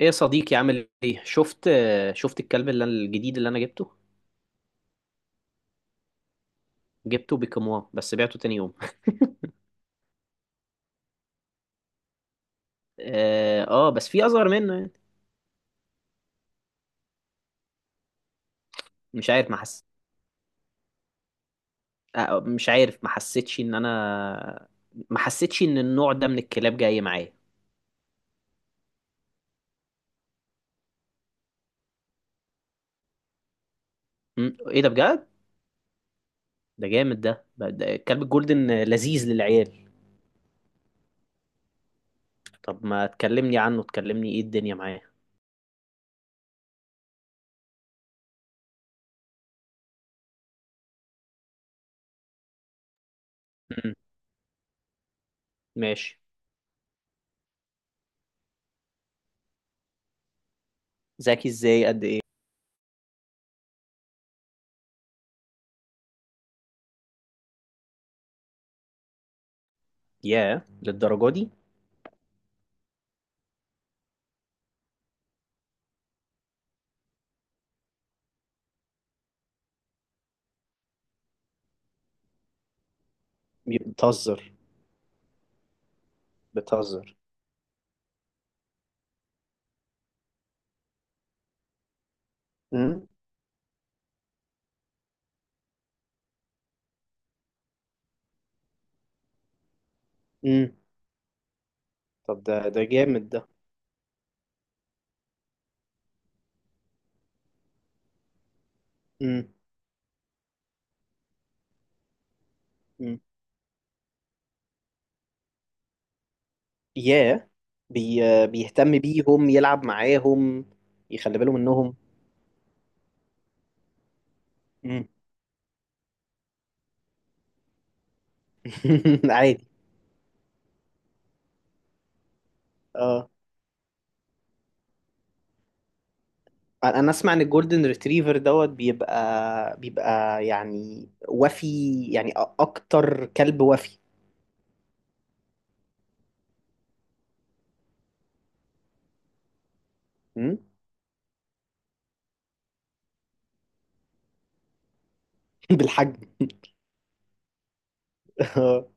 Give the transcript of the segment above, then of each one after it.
ايه يا صديقي، عامل ايه؟ شفت الكلب الجديد اللي انا جبته بكمواه، بس بعته تاني يوم. اه، آه، بس في اصغر منه يعني. مش عارف ما حس... مش عارف ما حسيتش ان النوع ده من الكلاب جاي معايا. مم، ايه ده بجد؟ ده جامد، ده ده الكلب الجولدن لذيذ للعيال. طب ما تكلمني عنه، تكلمني ايه الدنيا معاه؟ مم، ماشي. ذكي ازاي؟ قد ايه؟ ياه، للدرجة دي؟ بتهزر، بتهزر! امم. طب، ده جامد ده. امم. امم. ياه. بي بيهتم بيهم، يلعب معاهم. يخلي باله منهم. امم. عادي. اه. انا اسمع ان الجولدن ريتريفر دوت بيبقى يعني وفي، يعني أ- اكتر كلب وفي. امم. بالحجم. اه،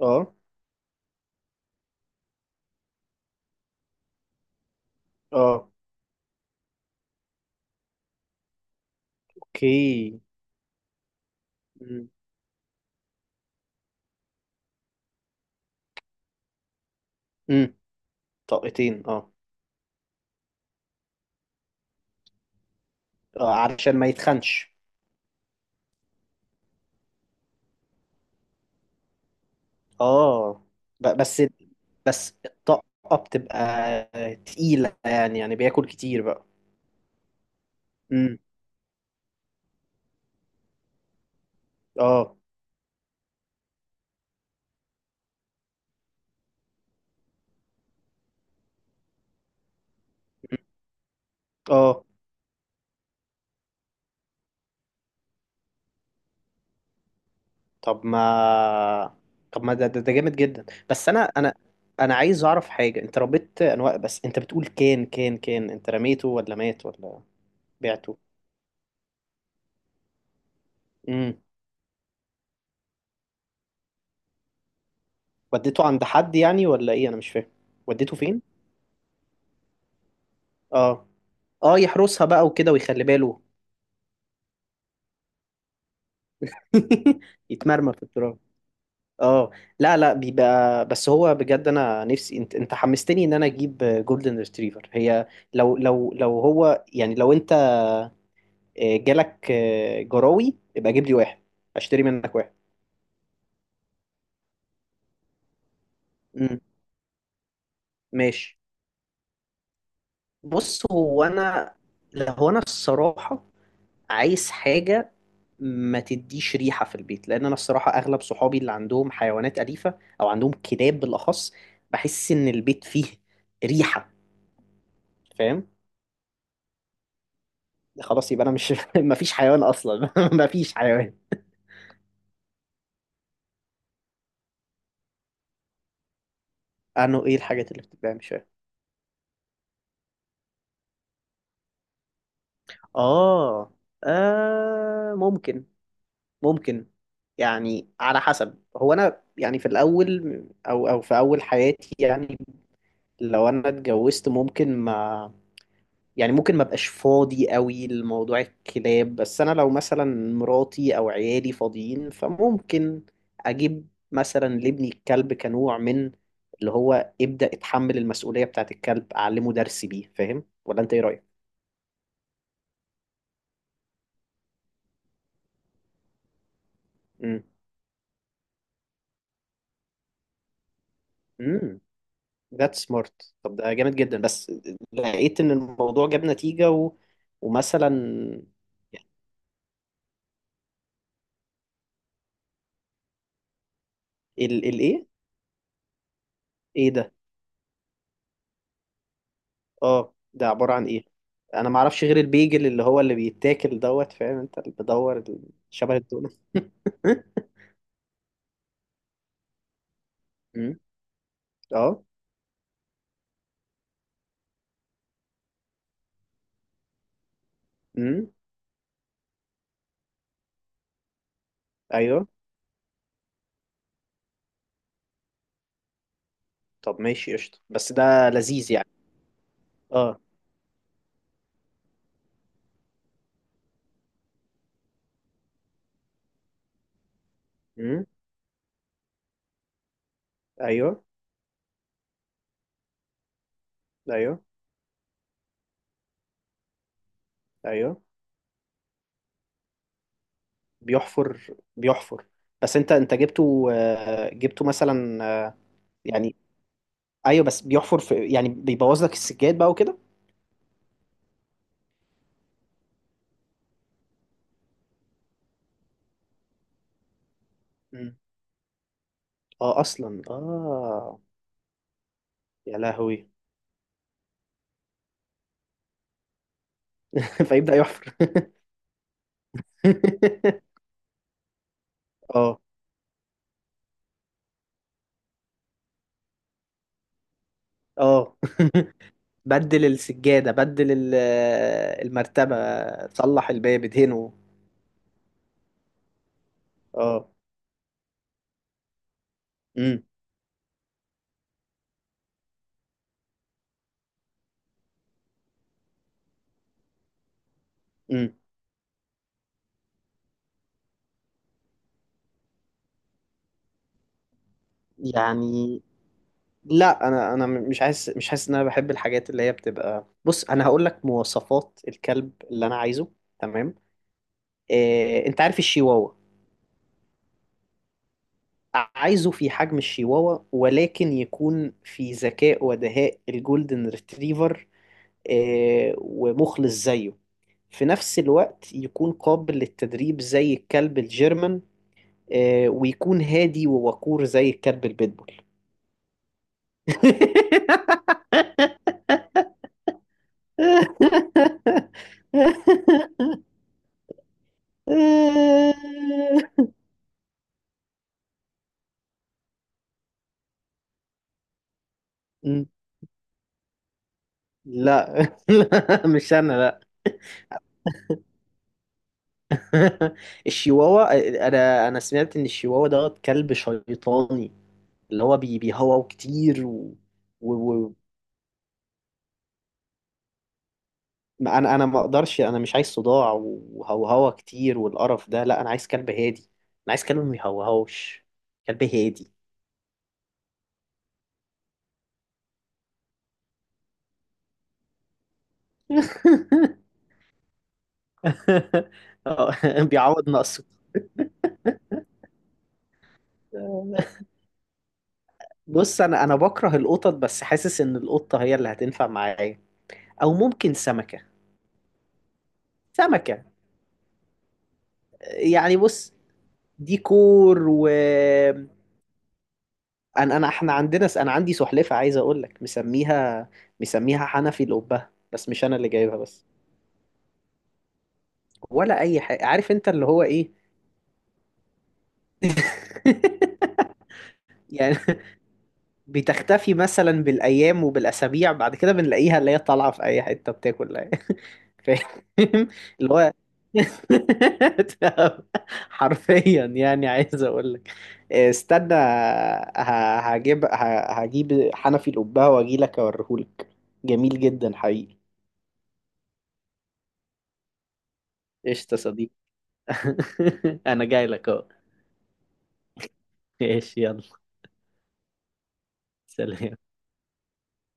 اه، اه، اوكي. امم، امم. طاقتين، اه. آه، علشان ما يتخنش. اه، ب- بس بس الطاقة بتبقى تقيلة، يعني بياكل كتير بقى. امم، اه، امم، اه. طب ما طب ما ده جامد جدا، بس انا انا عايز اعرف حاجة. انت ربيت انواع، بس انت بتقول كان انت رميته ولا مات ولا بعته. امم. وديته عند حد يعني ولا ايه؟ انا مش فاهم. وديته فين؟ اه، اه، يحرسها بقى وكده، ويخلي باله. يتمرمى في التراب، اه. لا، لا، بيبقى، بس هو بجد انا نفسي، انت حمستني ان انا اجيب جولدن ريتريفر. هي لو هو يعني، لو انت جالك جراوي يبقى جيب لي واحد، اشتري منك واحد. امم، ماشي. بص، هو انا الصراحة عايز حاجة ما تديش ريحة في البيت، لان انا الصراحة اغلب صحابي اللي عندهم حيوانات أليفة او عندهم كلاب بالاخص، بحس ان البيت فيه ريحة. فاهم. خلاص، يبقى انا مش مفيش حيوان اصلا. مفيش حيوان. عنه؟ ايه الحاجات اللي بتتباع؟ مش فاهم. آه. اه، ممكن، ممكن. يعني على حسب، هو انا يعني في الاول او في اول حياتي يعني، لو انا اتجوزت ممكن ما. يعني ممكن ما بقاش فاضي قوي لموضوع الكلاب، بس انا لو مثلا مراتي او عيالي فاضيين، فممكن اجيب مثلا لابني الكلب كنوع من اللي هو ابدأ اتحمل المسؤولية بتاعت الكلب، اعلمه درس بيه. فاهم، ولا انت ايه رأيك؟ امم، امم. ذات سمارت. طب ده جامد جدا، بس لقيت ان الموضوع جاب نتيجة ومثلا الايه؟ ايه؟ إيه ده؟ اه، ده عبارة عن ايه؟ انا ما اعرفش غير البيجل اللي هو اللي بيتاكل، دوت فاهم انت؟ اللي بدور شبه الدونة. أمم، اه، امم، ايوه. طب ماشي، قشطة، بس ده لذيذ يعني. اه، امم، ايوه، ايوه، ايوه. بيحفر، بيحفر. بس انت جبته، جبته مثلا، يعني، ايوه، بس بيحفر في، يعني بيبوظ لك السجاد بقى وكده. مم. اه، اصلا، اه. يا لهوي! فيبدأ يحفر. اه، اه. بدل السجادة، بدل المرتبة، صلح الباب، ادهنه. اه، امم، امم. يعني لا، انا مش حاسس ان انا بحب الحاجات اللي هي بتبقى. بص، انا هقول لك مواصفات الكلب اللي انا عايزه. تمام؟ إيه، انت عارف الشيواوا؟ عايزه في حجم الشيواوا، ولكن يكون في ذكاء ودهاء الجولدن ريتريفر، ومخلص زيه، في نفس الوقت يكون قابل للتدريب زي الكلب الجيرمان، ويكون هادي ووقور زي الكلب البيتبول. لا، لا، مش انا، لا. الشيواوا، انا سمعت ان الشيواوا ده كلب شيطاني، اللي هو بيهوهو كتير و... ما انا ما اقدرش. انا مش عايز صداع وهوهوة كتير والقرف ده، لا، انا عايز كلب هادي، انا عايز كلب ما بيهوهوش. كلب هادي. آه، بيعوض نقصه. بص، انا بكره القطط، بس حاسس ان القطه هي اللي هتنفع معايا، او ممكن سمكه. سمكه، يعني بص، ديكور و انا احنا عندنا، انا عندي سلحفاه، عايز اقول لك مسميها حنفي، لقبها، بس مش انا اللي جايبها بس ولا اي حاجه. عارف انت اللي هو ايه؟ يعني بتختفي مثلا بالايام وبالاسابيع، بعد كده بنلاقيها اللي هي طالعه في اي حته بتاكل. فاهم، اللي هو، حرفيا يعني، عايز اقول لك استنى، هجيب حنفي القبه واجي لك اوريهولك. جميل جدا، حقيقي. قشطة يا صديقي. انا جاي لك اهو. ايش، يلا، سلام.